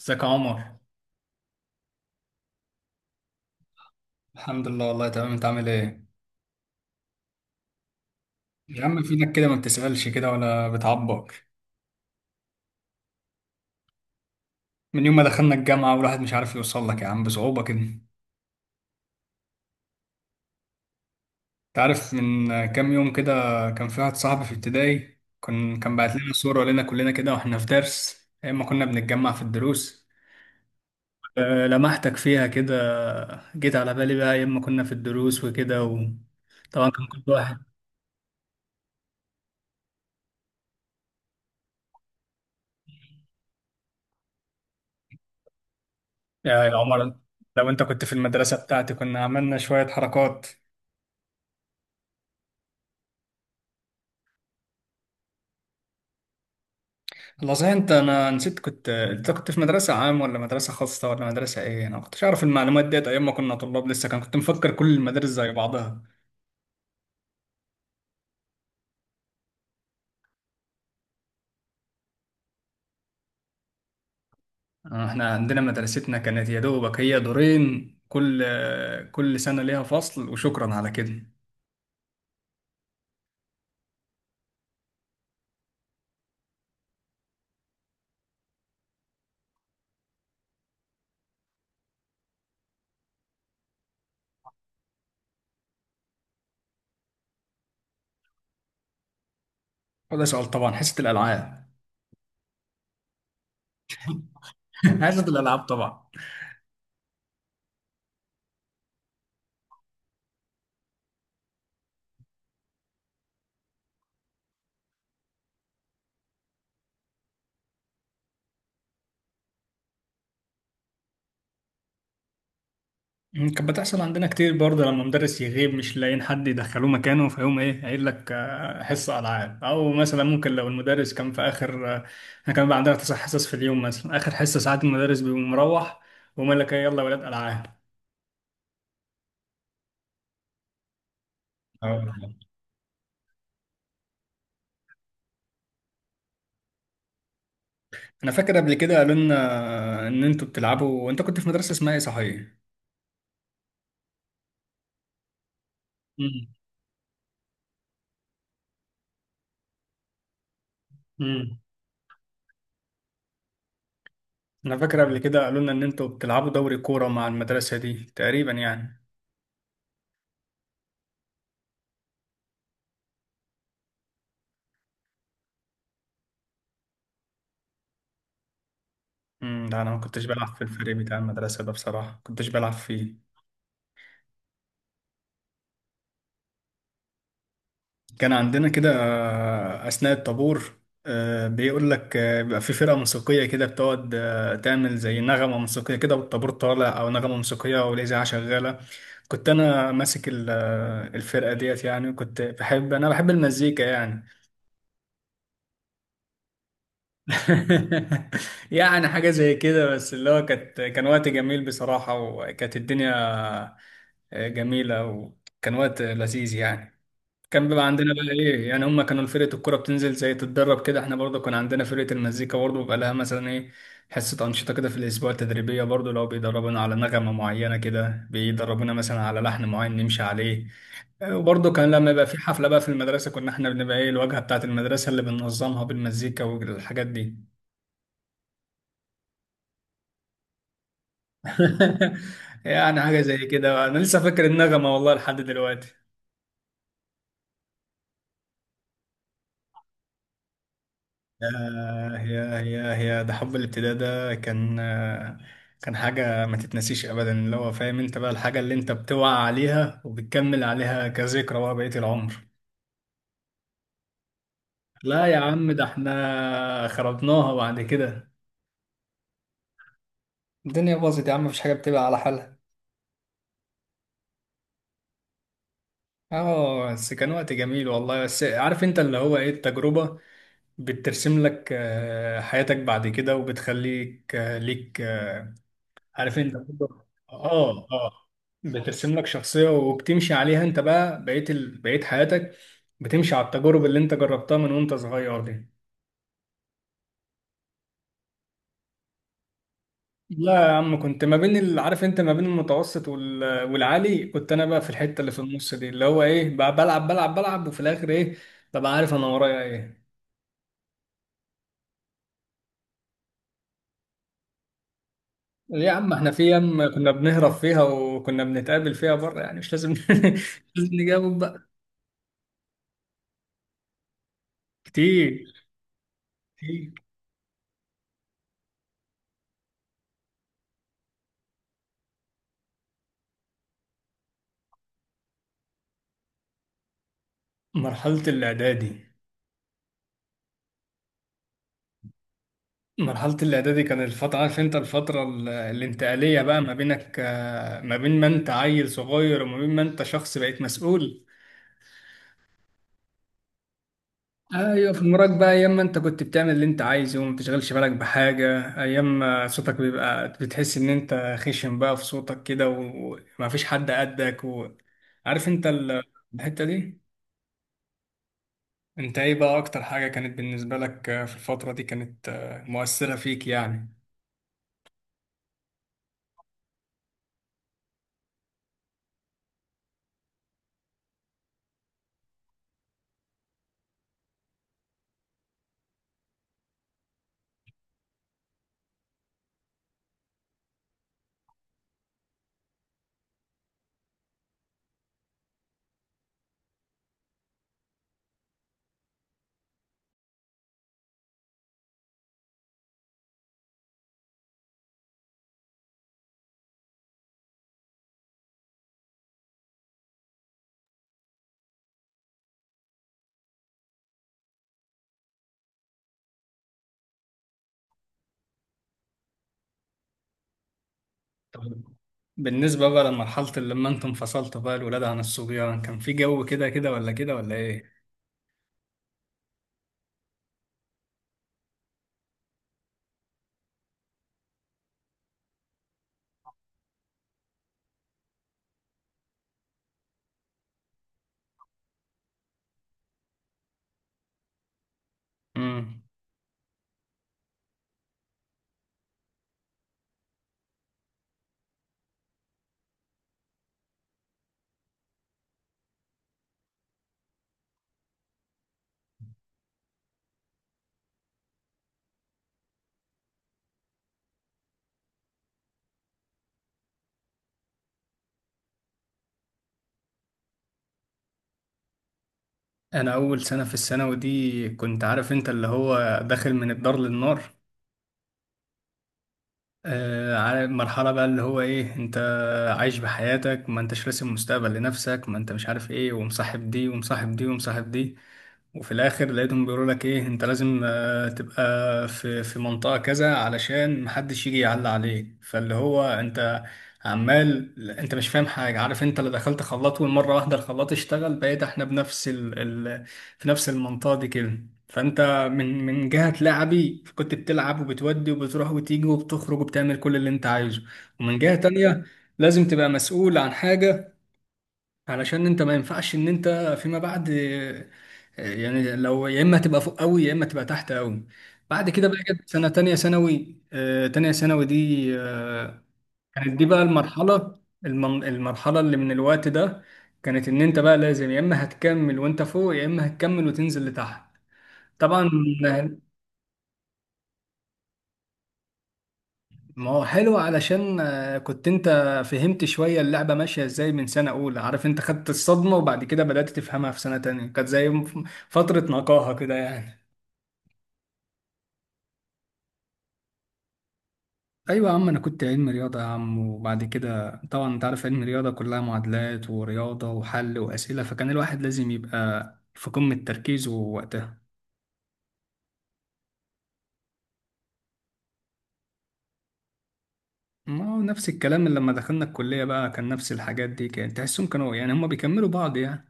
ازيك يا عمر. الحمد لله والله تمام، انت عامل ايه؟ يا عم فينك كده، ما بتسألش كده ولا بتعبر؟ من يوم ما دخلنا الجامعة والواحد مش عارف يوصل لك يا عم، بصعوبة كده انت. عارف من كام يوم كده كان في واحد صاحبي في ابتدائي كان بعت لنا صورة لنا كلنا كده واحنا في درس، ايام ما كنا بنتجمع في الدروس. اه، لمحتك فيها كده. جيت على بالي بقى ايام ما كنا في الدروس وكده، وطبعا كان كل واحد. يا عمر، لو انت كنت في المدرسة بتاعتي كنا عملنا شوية حركات. والله صحيح، انت انا نسيت كنت انت كنت في مدرسة عام ولا مدرسة خاصة ولا مدرسة ايه؟ انا ما كنتش اعرف المعلومات ديت ايام ما كنا طلاب لسه، كان كنت مفكر كل المدارس زي بعضها. اه، احنا عندنا مدرستنا كانت يا دوبك هي دورين، كل سنة ليها فصل وشكرا على كده. وده سؤال؟ طبعا حصة الالعاب. حصة الالعاب طبعا. كانت بتحصل عندنا كتير برضه لما مدرس يغيب مش لاقيين حد يدخلوه مكانه، فيقوم ايه قايل لك حصة ألعاب. أو مثلا ممكن لو المدرس كان في آخر احنا كان بقى عندنا تسع حصص في اليوم مثلا، آخر حصة ساعات المدرس بيقوم مروح، ويقوم قايل لك ايه، يلا يا ولاد ألعاب. اه، أنا فاكر قبل كده قالوا لنا إن أنتوا بتلعبوا. أنت كنت في مدرسة اسمها ايه صحيح؟ مم. مم. أنا فاكر قبل كده قالوا لنا إن أنتوا بتلعبوا دوري كورة مع المدرسة دي تقريبا يعني. لا أنا ما كنتش بلعب في الفريق بتاع المدرسة ده بصراحة، ما كنتش بلعب فيه. كان عندنا كده أثناء الطابور، بيقول لك بيبقى في فرقة موسيقية كده، بتقعد تعمل زي نغمة موسيقية كده والطابور طالع، أو نغمة موسيقية أو الإذاعة شغالة. كنت أنا ماسك الفرقة ديت يعني، وكنت بحب أنا بحب المزيكا يعني. يعني حاجة زي كده، بس اللي هو كان وقت جميل بصراحة، وكانت الدنيا جميلة وكان وقت لذيذ يعني. كان بيبقى عندنا بقى ايه يعني، هم كانوا فرقة الكرة بتنزل زي تتدرب كده، احنا برضه كان عندنا فرقة المزيكا برضه بيبقى لها مثلا ايه، حصة أنشطة كده في الأسبوع التدريبية، برضه لو بيدربونا على نغمة معينة كده بيدربونا مثلا على لحن معين نمشي عليه. وبرضه كان لما يبقى في حفلة بقى في المدرسة كنا احنا بنبقى ايه، الواجهة بتاعة المدرسة اللي بننظمها بالمزيكا والحاجات دي. يعني حاجة زي كده. أنا لسه فاكر النغمة والله لحد دلوقتي. ياه ياه ياه ياه، ده حب الابتداء ده كان كان حاجة ما تتنسيش أبدا، اللي هو فاهم أنت بقى الحاجة اللي أنت بتوعى عليها وبتكمل عليها كذكرى بقى بقية العمر. لا يا عم، ده احنا خربناها بعد كده. الدنيا باظت يا عم، مفيش حاجة بتبقى على حالها. اه بس كان وقت جميل والله. بس عارف انت اللي هو ايه، التجربة بترسم لك حياتك بعد كده، وبتخليك آه، ليك آه، عارف انت برضه بترسم لك شخصية وبتمشي عليها. انت بقى بقيت حياتك بتمشي على التجارب اللي انت جربتها من وانت صغير دي. لا يا عم، كنت ما بين ال... عارف انت ما بين والعالي، كنت انا بقى في الحتة اللي في النص دي، اللي هو ايه بقى، بلعب وفي الاخر ايه، ببقى عارف انا ورايا ايه. ليه يا عم، احنا في ايام كنا بنهرب فيها وكنا بنتقابل فيها بره يعني، مش لازم مش لازم نجاوب بقى. كتير كتير. مرحلة الاعدادي. مرحلة الإعدادي كان الفترة، عارف أنت الفترة الانتقالية بقى ما بينك ما بين ما أنت عيل صغير وما بين ما أنت شخص بقيت مسؤول. أيوة في المراك بقى، أيام ما أنت كنت بتعمل اللي أنت عايزه وما بتشغلش بالك بحاجة، أيام ما صوتك بيبقى بتحس إن أنت خشن بقى في صوتك كده وما فيش حد قدك، وعارف أنت الحتة دي. أنت إيه بقى أكتر حاجة كانت بالنسبة لك في الفترة دي كانت مؤثرة فيك يعني؟ بالنسبة بقى لمرحلة اللي لما انتم انفصلتوا بقى الولاد عن الصبيان، كان في جو كده كده ولا كده ولا ايه؟ مم. انا اول سنة في الثانوي دي كنت، عارف انت اللي هو داخل من الدار للنار. آه، عارف مرحلة بقى، اللي هو ايه انت عايش بحياتك ما انتش راسم مستقبل لنفسك، ما انت مش عارف ايه، ومصاحب دي ومصاحب دي ومصاحب دي، وفي الاخر لقيتهم بيقولوا لك ايه انت لازم تبقى في منطقة كذا علشان محدش يجي يعلى عليك، فاللي هو انت عمال، انت مش فاهم حاجة، عارف انت اللي دخلت خلاط، والمرة واحدة الخلاط اشتغل، بقيت احنا بنفس ال... في نفس المنطقة دي كده. فانت من جهة لعبي، كنت بتلعب وبتودي وبتروح وتيجي وبتخرج وبتعمل كل اللي انت عايزه، ومن جهة تانية لازم تبقى مسؤول عن حاجة، علشان انت ما ينفعش ان انت فيما بعد يعني لو، يا اما تبقى فوق قوي يا اما تبقى تحت قوي. بعد كده بقى جت سنه تانية ثانوي، تانية ثانوي دي كانت دي بقى المرحله، المرحله اللي من الوقت ده كانت، ان انت بقى لازم يا اما هتكمل وانت فوق يا اما هتكمل وتنزل لتحت. طبعا ما هو حلو علشان كنت انت فهمت شوية اللعبة ماشية ازاي، من سنة أولى عارف انت خدت الصدمة، وبعد كده بدأت تفهمها في سنة تانية، كانت زي فترة نقاهة كده يعني. أيوة يا عم، أنا كنت علم رياضة يا عم، وبعد كده طبعا انت عارف علم رياضة كلها معادلات ورياضة وحل وأسئلة، فكان الواحد لازم يبقى في قمة تركيزه وقتها. ما هو نفس الكلام اللي لما دخلنا الكلية بقى، كان نفس الحاجات دي، كان تحسهم كانوا يعني هما بيكملوا بعض يعني.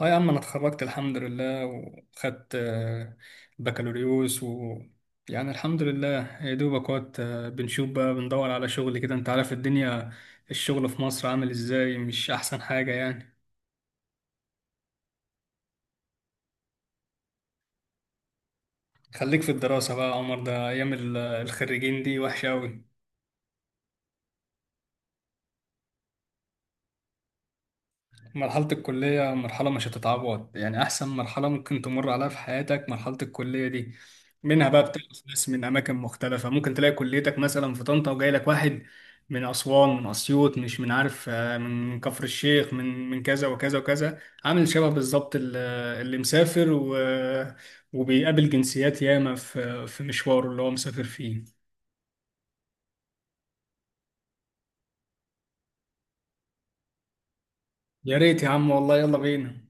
اه يا عم، انا اتخرجت الحمد لله، وخدت بكالوريوس و، يعني الحمد لله. يا دوبك وقت بنشوف بقى، بندور على شغل كده، انت عارف الدنيا، الشغل في مصر عامل ازاي، مش احسن حاجة يعني. خليك في الدراسة بقى يا عمر، ده ايام الخريجين دي وحشة اوي. مرحلة الكلية مرحلة مش هتتعوض يعني، أحسن مرحلة ممكن تمر عليها في حياتك مرحلة الكلية دي. منها بقى اه بتعرف ناس من أماكن مختلفة، ممكن تلاقي كليتك مثلا في طنطا وجاي لك واحد من أسوان، من أسيوط، مش من عارف من كفر الشيخ، من كذا وكذا وكذا. عامل شبه بالظبط اللي مسافر و... آه، وبيقابل جنسيات ياما في في مشواره اللي هو مسافر فيه. يا ريت يا عم والله، يلا بينا.